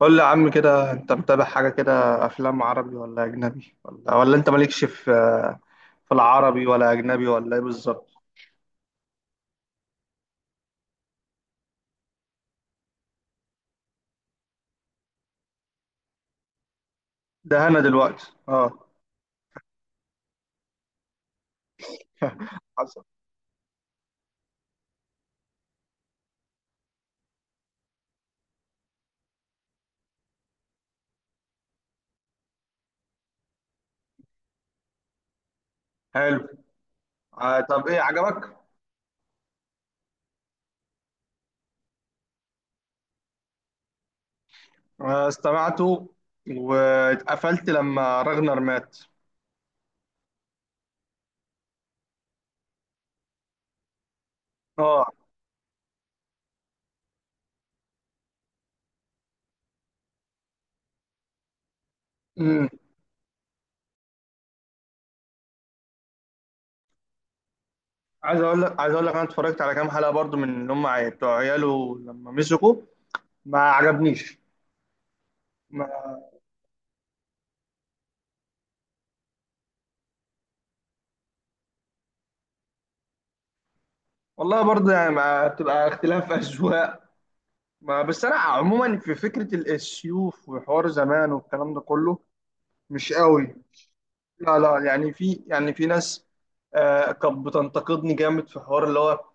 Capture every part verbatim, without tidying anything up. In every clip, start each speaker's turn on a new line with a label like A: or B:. A: قول لي يا عم كده، انت متابع حاجة كده؟ افلام عربي ولا اجنبي ولا ولا انت مالكش في في العربي ولا اجنبي ولا ايه بالظبط؟ ده انا دلوقتي اه حصل. حلو. آه طب ايه عجبك؟ آه استمعته، واتقفلت لما راغنر مات. اه امم عايز اقول لك عايز اقول لك انا اتفرجت على كام حلقة برضو من اللي هم عي- بتوع عياله لما مسكوا. ما عجبنيش. ما والله، برضه يعني ما بتبقى اختلاف اذواق. ما بس انا عموما في فكره ال- السيوف وحوار زمان والكلام ده كله مش قوي. لا لا، يعني في، يعني في ناس. آه كانت بتنتقدني جامد في حوار اللي هو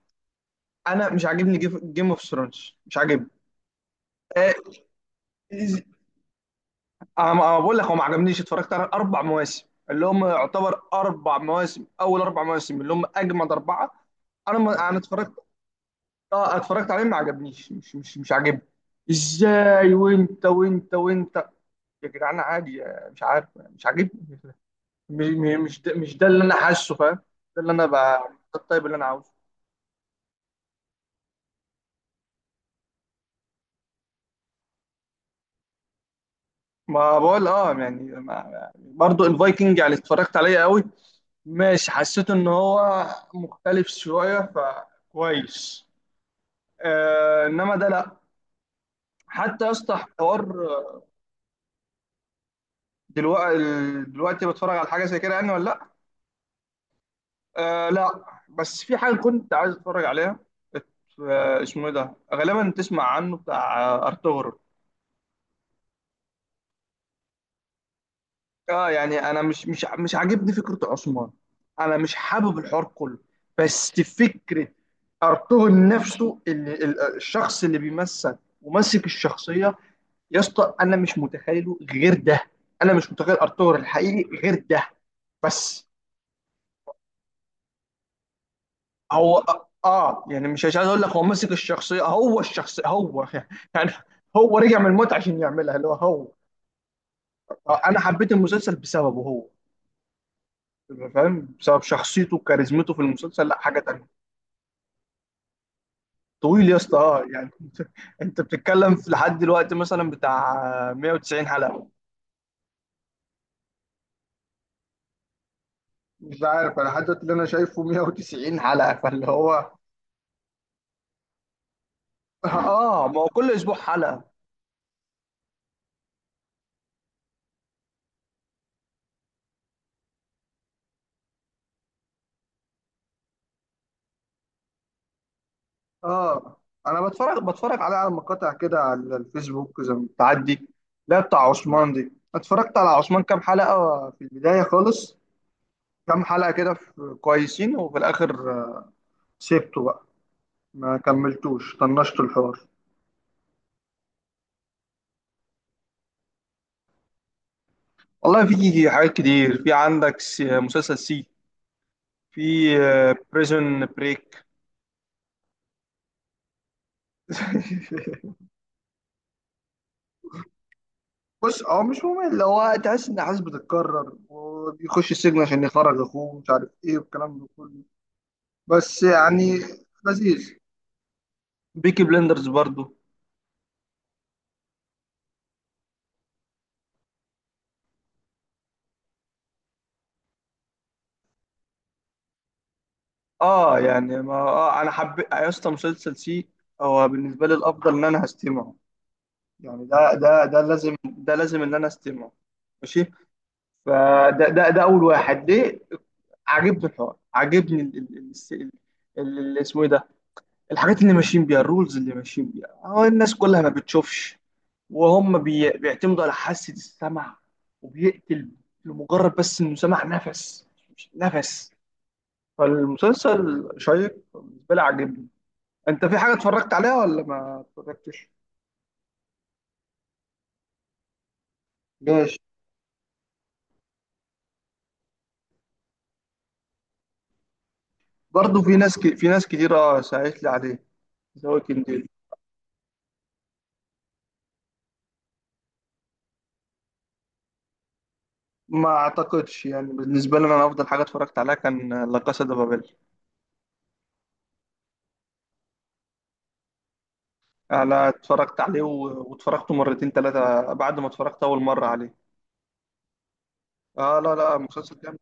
A: انا مش عاجبني. جيم اوف ثرونز مش عاجبني. آه إز- انا أنا بقول لك هو ما عجبنيش، اتفرجت على اربع مواسم، اللي هم يعتبر اربع مواسم اول اربع مواسم، اللي هم اجمد اربعه. انا ما انا اتفرجت اه اتفرجت عليهم، ما عجبنيش، مش مش مش عاجبني. ازاي وانت وانت وانت يا جدعان عادي، آه، مش عارف، مش عاجبني. مش م- مش ده مش ده اللي انا حاسه، فاهم؟ ده اللي انا ب... ده. الطيب اللي انا عاوزه. ما بقول اه يعني ما... برضو الفايكنج يعني اتفرجت عليه قوي. ماشي، حسيت ان هو مختلف شويه فكويس. آه انما ده لا. حتى يا اسطى حوار. دلوقتي دلوقتي بتفرج على حاجه زي كده يعني ولا لا؟ آه لا، بس في حاجه كنت عايز اتفرج عليها. ات- آه، اسمه ايه ده، غالبا تسمع عنه، بتاع ارطغرل. اه يعني انا مش مش مش عاجبني فكره عثمان. انا مش حابب الحوار كله، بس فكره ارطغرل نفسه، اللي ال- الشخص اللي بيمثل وماسك الشخصيه. يا اسطى انا مش متخيله غير ده، انا مش متخيل ارطغرل الحقيقي غير ده. بس. هو اه آه، يعني مش مش عايز اقول لك، هو ماسك الشخصيه، هو الشخصيه هو يعني. هو رجع من الموت عشان يعملها اللي هو هو. آه، انا حبيت المسلسل بسببه هو، فاهم، بسبب شخصيته وكاريزمته في المسلسل، لا حاجه تانيه. طويل يا اسطى، اه يعني انت انت بتتكلم في لحد دلوقتي مثلا بتاع 190 حلقة. مش عارف، انا لحد دلوقتي اللي انا شايفه مئة وتسعين حلقة حلقه، فاللي هو اه، ما هو كل اسبوع حلقة. اه انا بتفرج بتفرج عليه على مقاطع كده على الفيسبوك زي ما بتعدي. لا بتاع عثمان دي، اتفرجت على عثمان كام حلقه في البدايه خالص. كام حلقه كده في- كويسين، وفي الاخر آه، سيبته بقى، ما كملتوش، طنشت الحوار. والله في حاجات كتير، في عندك س- مسلسل سي، في بريزون بريك بص هو مش ممل، اللي هو تحس ان احداث بتتكرر، وبيخش السجن عشان يخرج اخوه، مش عارف ايه والكلام ده كله، بس يعني. لذيذ. بيكي بلندرز برضو. اه يعني ما آه انا حبيت يا اسطى مسلسل سي. هو بالنسبه لي الافضل، ان انا هستمعه. يعني ده ده ده لازم ده لازم ان انا استمعه. ماشي. فده ده ده اول واحد ليه. عاجبني الحوار، عاجبني ال- ال- ال- ال- ال- اسمه ايه ده، الحاجات اللي ماشيين بيها، الرولز اللي ماشيين بيها، هو الناس كلها ما بتشوفش، وهم بي... بيعتمدوا على حاسة السمع. وبيقتل لمجرد بس انه سمع نفس، مش نفس. فالمسلسل شيق بالنسبة لي، عاجبني. انت في حاجة اتفرجت عليها ولا ما اتفرجتش؟ ماشي. برضه في ناس ك... في ناس كتير اه ساعدت لي عليه، ذا ووكينج ديد. ما اعتقدش، يعني بالنسبة لي انا افضل حاجة اتفرجت عليها كان لا كاسا دي بابيل. انا اتفرجت عليه و... واتفرجته مرتين ثلاثة بعد ما اتفرجت اول مرة عليه. اه، لا لا، مسلسل جامد.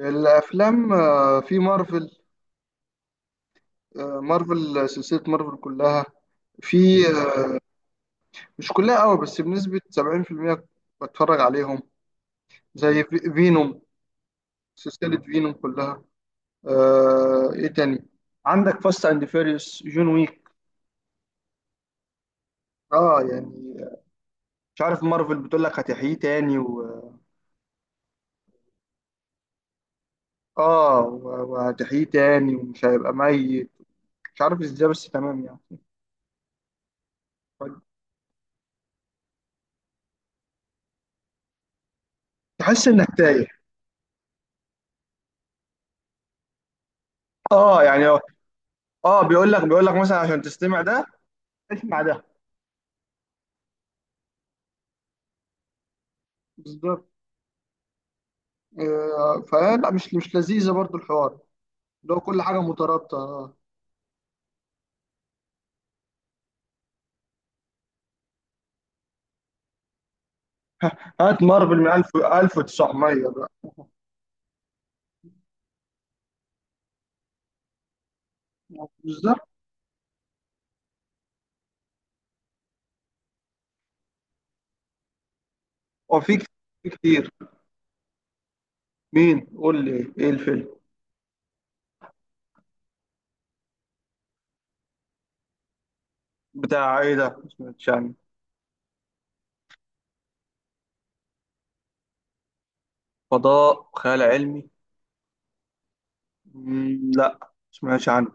A: الافلام آه، في مارفل. آه، مارفل، سلسله مارفل كلها. في آه، مش كلها قوي بس بنسبه سبعين في المية بتفرج عليهم. زي في- فينوم، سلسله فينوم كلها. آه ايه تاني، عندك فاست اند فيريوس، جون ويك. اه يعني، مش عارف، مارفل بتقول لك هتحييه تاني و... اه و- وهتحييه تاني ومش هيبقى ميت. مش عارف ازاي، بس تمام يعني، تحس انك تايه. اه يعني، اه بيقول لك بيقول لك مثلا عشان تستمع ده، اسمع ده، بالظبط. آه، فلا مش مش لذيذة برضو الحوار، اللي هو كل حاجة مترابطة. هات مارفل من ألف ألف وتسعمية بقى، بالظبط. وفي كت- في كتير. مين، قول لي ايه الفيلم. بتاع ايه ده، ما سمعتش عنه. فضاء خيال علمي. مم، لا ما سمعتش عنه.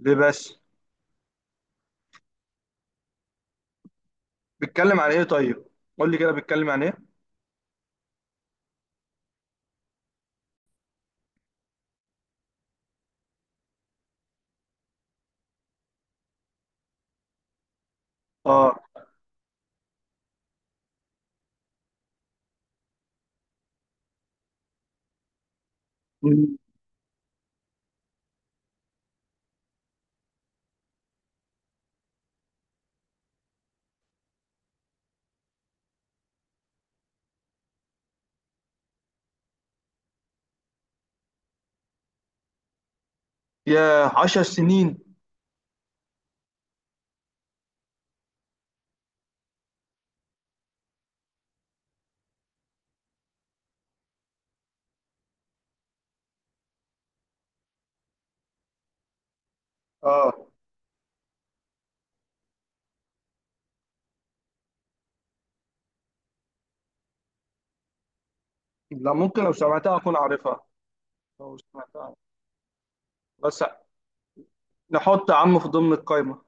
A: ليه بس؟ بيتكلم عن ايه طيب؟ قول لي كده، بيتكلم عن ايه؟ اه. مم. يا عشر سنين! اه، لا ممكن لو سمعتها اكون عارفها. لو سمعت عنه. بس، نحط عم في ضمن القايمة،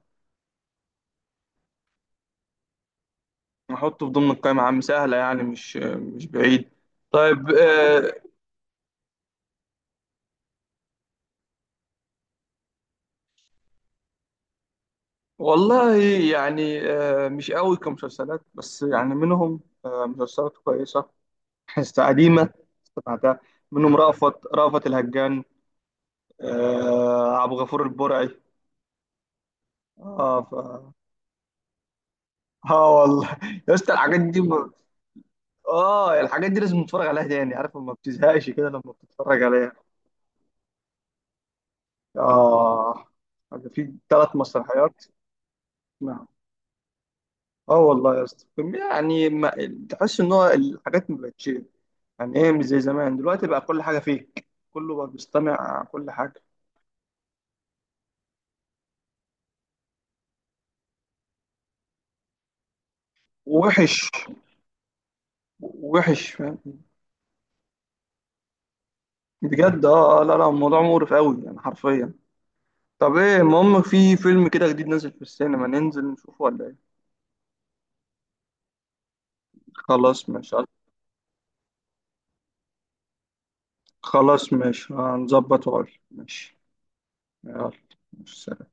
A: نحطه في ضمن القايمة عم، سهلة يعني مش مش بعيد. طيب. آه والله يعني، آه مش قوي كمسلسلات، بس يعني منهم آه مسلسلات كويسة. حس قديمة، سمعتها، منهم رأفت رأفت الهجان. آه، عبد الغفور البرعي. اه ف... اه والله يا اسطى، الحاجات دي ب... اه، الحاجات دي لازم نتفرج عليها تاني، عارف، ما بتزهقش كده لما بتتفرج عليها. آه، في ثلاث مسرحيات. نعم. اه والله يا اسطى، يعني ما تحس ان هو الحاجات ما بقتش. يعني ايه، مش زي زمان، دلوقتي بقى كل حاجه فيك، كله بقى بيستمع كل حاجه. وحش. وحش، فاهم. بجد. اه آه، لا لا، الموضوع مقرف قوي يعني، حرفيا. طب ايه، المهم، في فيلم كده جديد نازل في السينما ننزل نشوفه ولا ايه؟ خلاص ماشي. خلاص، ماشي، هنظبط وأقول. ماشي. يلا. ماشي.